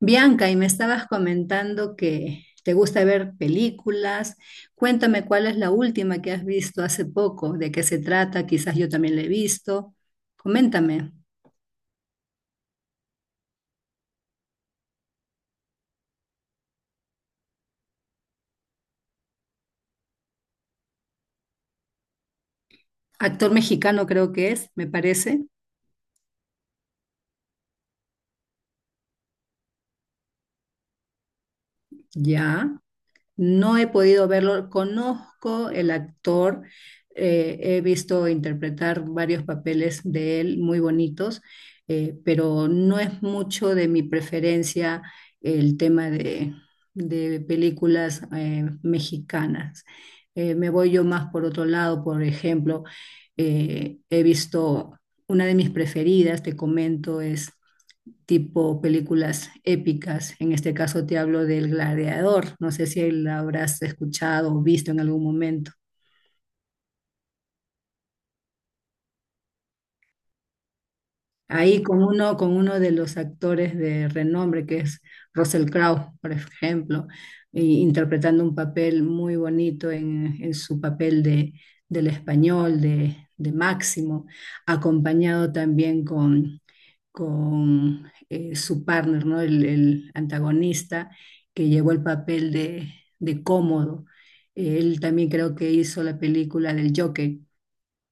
Bianca, y me estabas comentando que te gusta ver películas. Cuéntame cuál es la última que has visto hace poco, de qué se trata, quizás yo también la he visto. Coméntame. Actor mexicano creo que es, me parece. Ya. No he podido verlo. Conozco el actor, he visto interpretar varios papeles de él muy bonitos, pero no es mucho de mi preferencia el tema de películas mexicanas. Me voy yo más por otro lado, por ejemplo, he visto una de mis preferidas, te comento, es tipo películas épicas. En este caso te hablo del Gladiador. No sé si la habrás escuchado o visto en algún momento. Ahí con uno de los actores de renombre, que es Russell Crowe, por ejemplo, interpretando un papel muy bonito en su papel del español, de Máximo, acompañado también con su partner, ¿no? El antagonista que llevó el papel de Cómodo. Él también creo que hizo la película del Joker.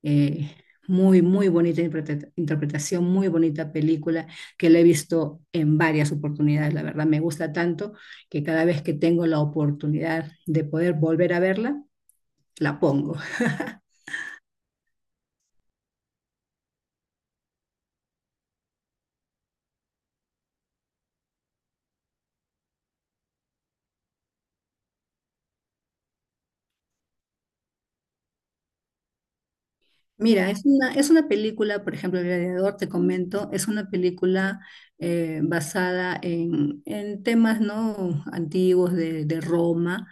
eh, muy bonita interpretación, muy bonita película que la he visto en varias oportunidades. La verdad, me gusta tanto que cada vez que tengo la oportunidad de poder volver a verla, la pongo. Mira, es una película, por ejemplo, El Gladiador, te comento, es una película basada en temas ¿no? antiguos de Roma.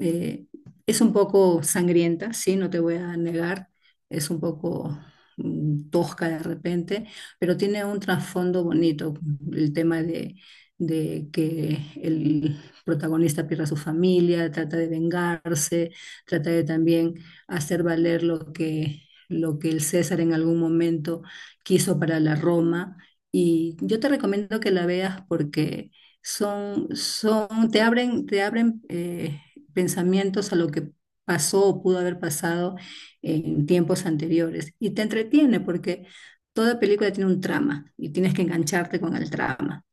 Eh, es un poco sangrienta, sí, no te voy a negar, es un poco tosca de repente, pero tiene un trasfondo bonito, el tema de que el protagonista pierde a su familia, trata de vengarse, trata de también hacer valer lo que el César en algún momento quiso para la Roma. Y yo te recomiendo que la veas porque te abren pensamientos a lo que pasó o pudo haber pasado en tiempos anteriores. Y te entretiene porque toda película tiene un trama y tienes que engancharte con el trama.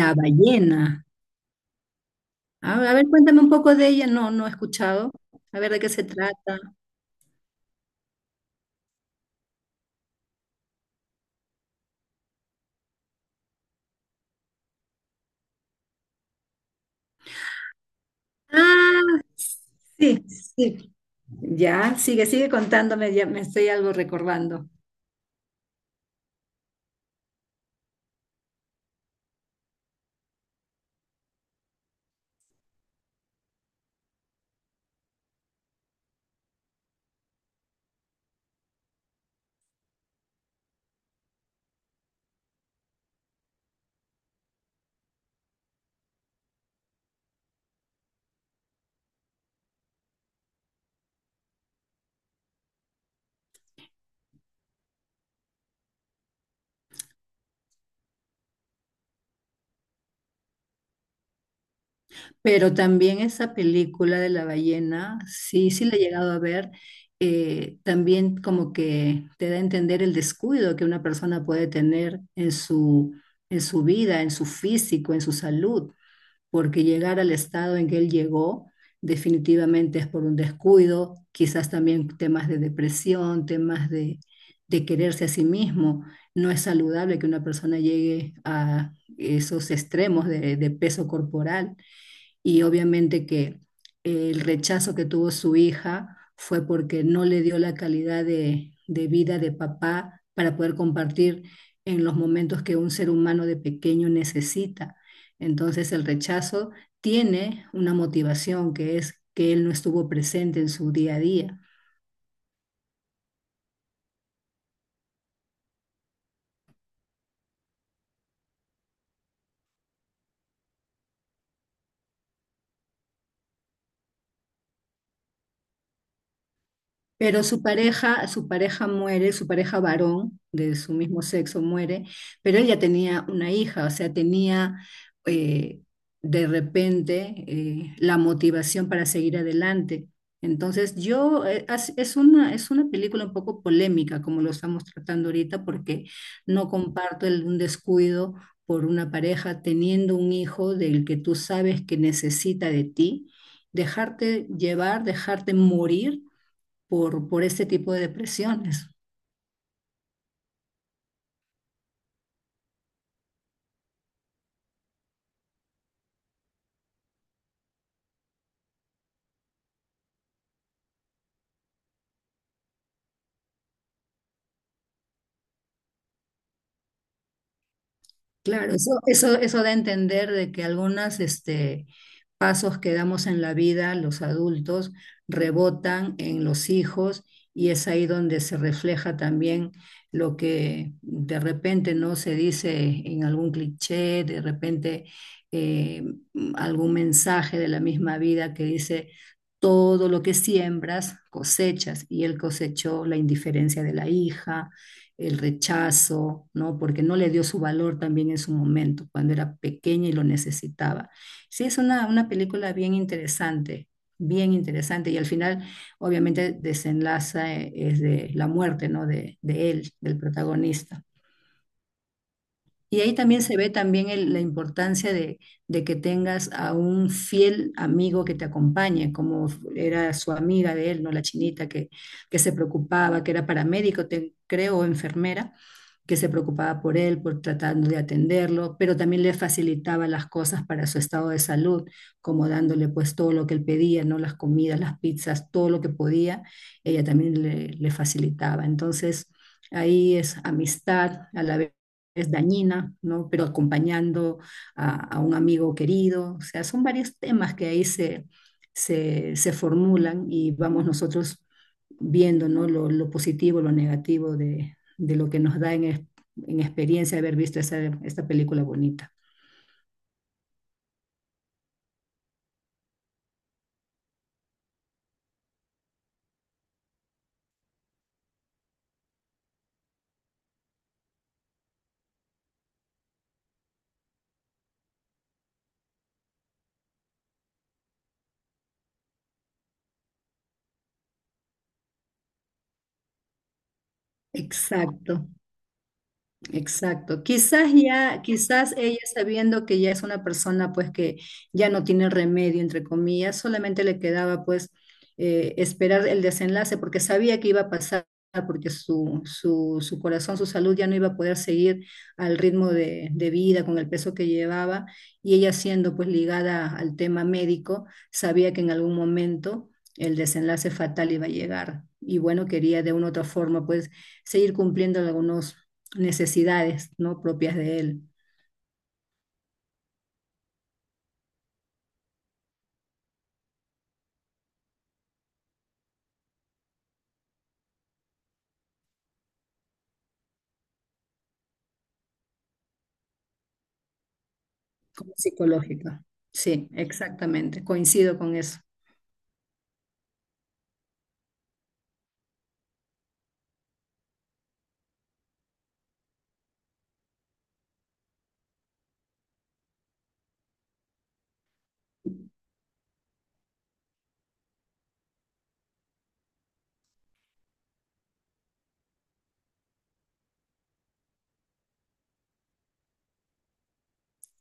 La ballena. A ver, cuéntame un poco de ella. No, no he escuchado. A ver de qué se trata. Ah, sí, sí. Ya, sigue, sigue contándome, ya me estoy algo recordando. Pero también esa película de la ballena, sí, sí la he llegado a ver, también como que te da a entender el descuido que una persona puede tener en su vida, en su físico, en su salud, porque llegar al estado en que él llegó definitivamente es por un descuido, quizás también temas de depresión, de quererse a sí mismo. No es saludable que una persona llegue a esos extremos de peso corporal y obviamente que el rechazo que tuvo su hija fue porque no le dio la calidad de vida de papá para poder compartir en los momentos que un ser humano de pequeño necesita. Entonces el rechazo tiene una motivación que es que él no estuvo presente en su día a día. Pero su pareja muere, su pareja varón de su mismo sexo muere, pero él ya tenía una hija, o sea, tenía eh, de repente la motivación para seguir adelante. Entonces, yo, as- es una película un poco polémica como lo estamos tratando ahorita, porque no comparto un descuido por una pareja teniendo un hijo del que tú sabes que necesita de ti, dejarte llevar, dejarte morir por este tipo de depresiones. Claro, eso da a entender de que algunos este, pasos que damos en la vida, los adultos, rebotan en los hijos y es ahí donde se refleja también lo que de repente no se dice en algún cliché, de repente eh, algún mensaje de la misma vida que dice, todo lo que siembras cosechas, y él cosechó la indiferencia de la hija, el rechazo, ¿no? Porque no le dio su valor también en su momento, cuando era pequeña y lo necesitaba. Sí, es una película bien interesante, y al final obviamente desenlaza es de la muerte, ¿no? De él, del protagonista. Y ahí también se ve también el- la importancia de que tengas a un fiel amigo que te acompañe, como era su amiga de él, ¿no? La chinita que se preocupaba, que era paramédico, creo, o enfermera, que se preocupaba por él, por tratando de atenderlo, pero también le facilitaba las cosas para su estado de salud, como dándole pues todo lo que él pedía, ¿no? Las comidas, las pizzas, todo lo que podía, ella también le facilitaba. Entonces, ahí es amistad, a la vez es dañina, ¿no? Pero acompañando a un amigo querido. O sea, son varios temas que ahí se formulan y vamos nosotros viendo, ¿no? Lo positivo, lo negativo de lo que nos da en experiencia haber visto esta película bonita. Exacto. Exacto. Quizás ella sabiendo que ya es una persona pues que ya no tiene remedio, entre comillas, solamente le quedaba pues esperar el desenlace porque sabía que iba a pasar, porque su corazón, su salud ya no iba a poder seguir al ritmo de vida con el peso que llevaba y ella siendo pues ligada al tema médico, sabía que en algún momento el desenlace fatal iba a llegar y bueno, quería de una u otra forma pues seguir cumpliendo algunos necesidades no propias de él, como psicológica. Sí, exactamente, coincido con eso.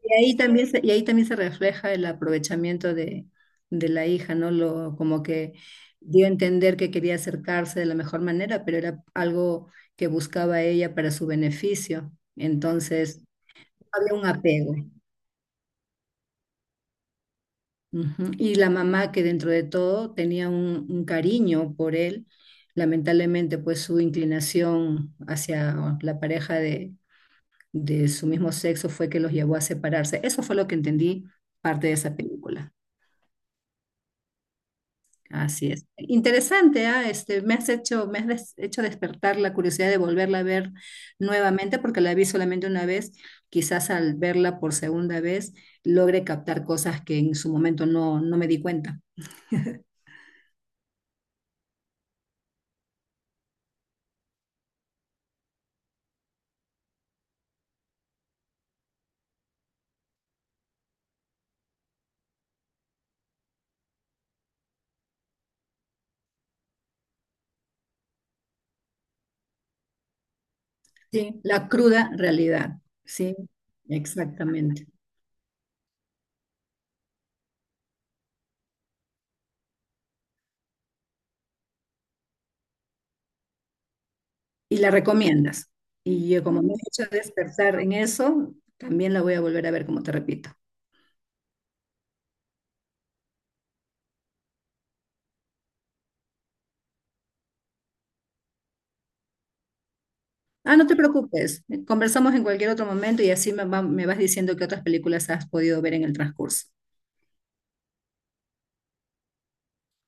Y ahí también se refleja el aprovechamiento de la hija, ¿no? Lo, como que dio a entender que quería acercarse de la mejor manera, pero era algo que buscaba ella para su beneficio. Entonces, había un apego. Ujú. Y la mamá que dentro de todo tenía un cariño por él, lamentablemente pues su inclinación hacia la pareja de su mismo sexo fue que los llevó a separarse. Eso fue lo que entendí parte de esa película. Así es. Interesante, ah, este, hecho despertar la curiosidad de volverla a ver nuevamente porque la vi solamente una vez. Quizás al verla por segunda vez logre captar cosas que en su momento no, no me di cuenta. Sí, la cruda realidad, sí, exactamente. Y la recomiendas. Y yo como me he hecho despertar en eso, también la voy a volver a ver, como te repito. Ah, no te preocupes, conversamos en cualquier otro momento y así me vas diciendo qué otras películas has podido ver en el transcurso.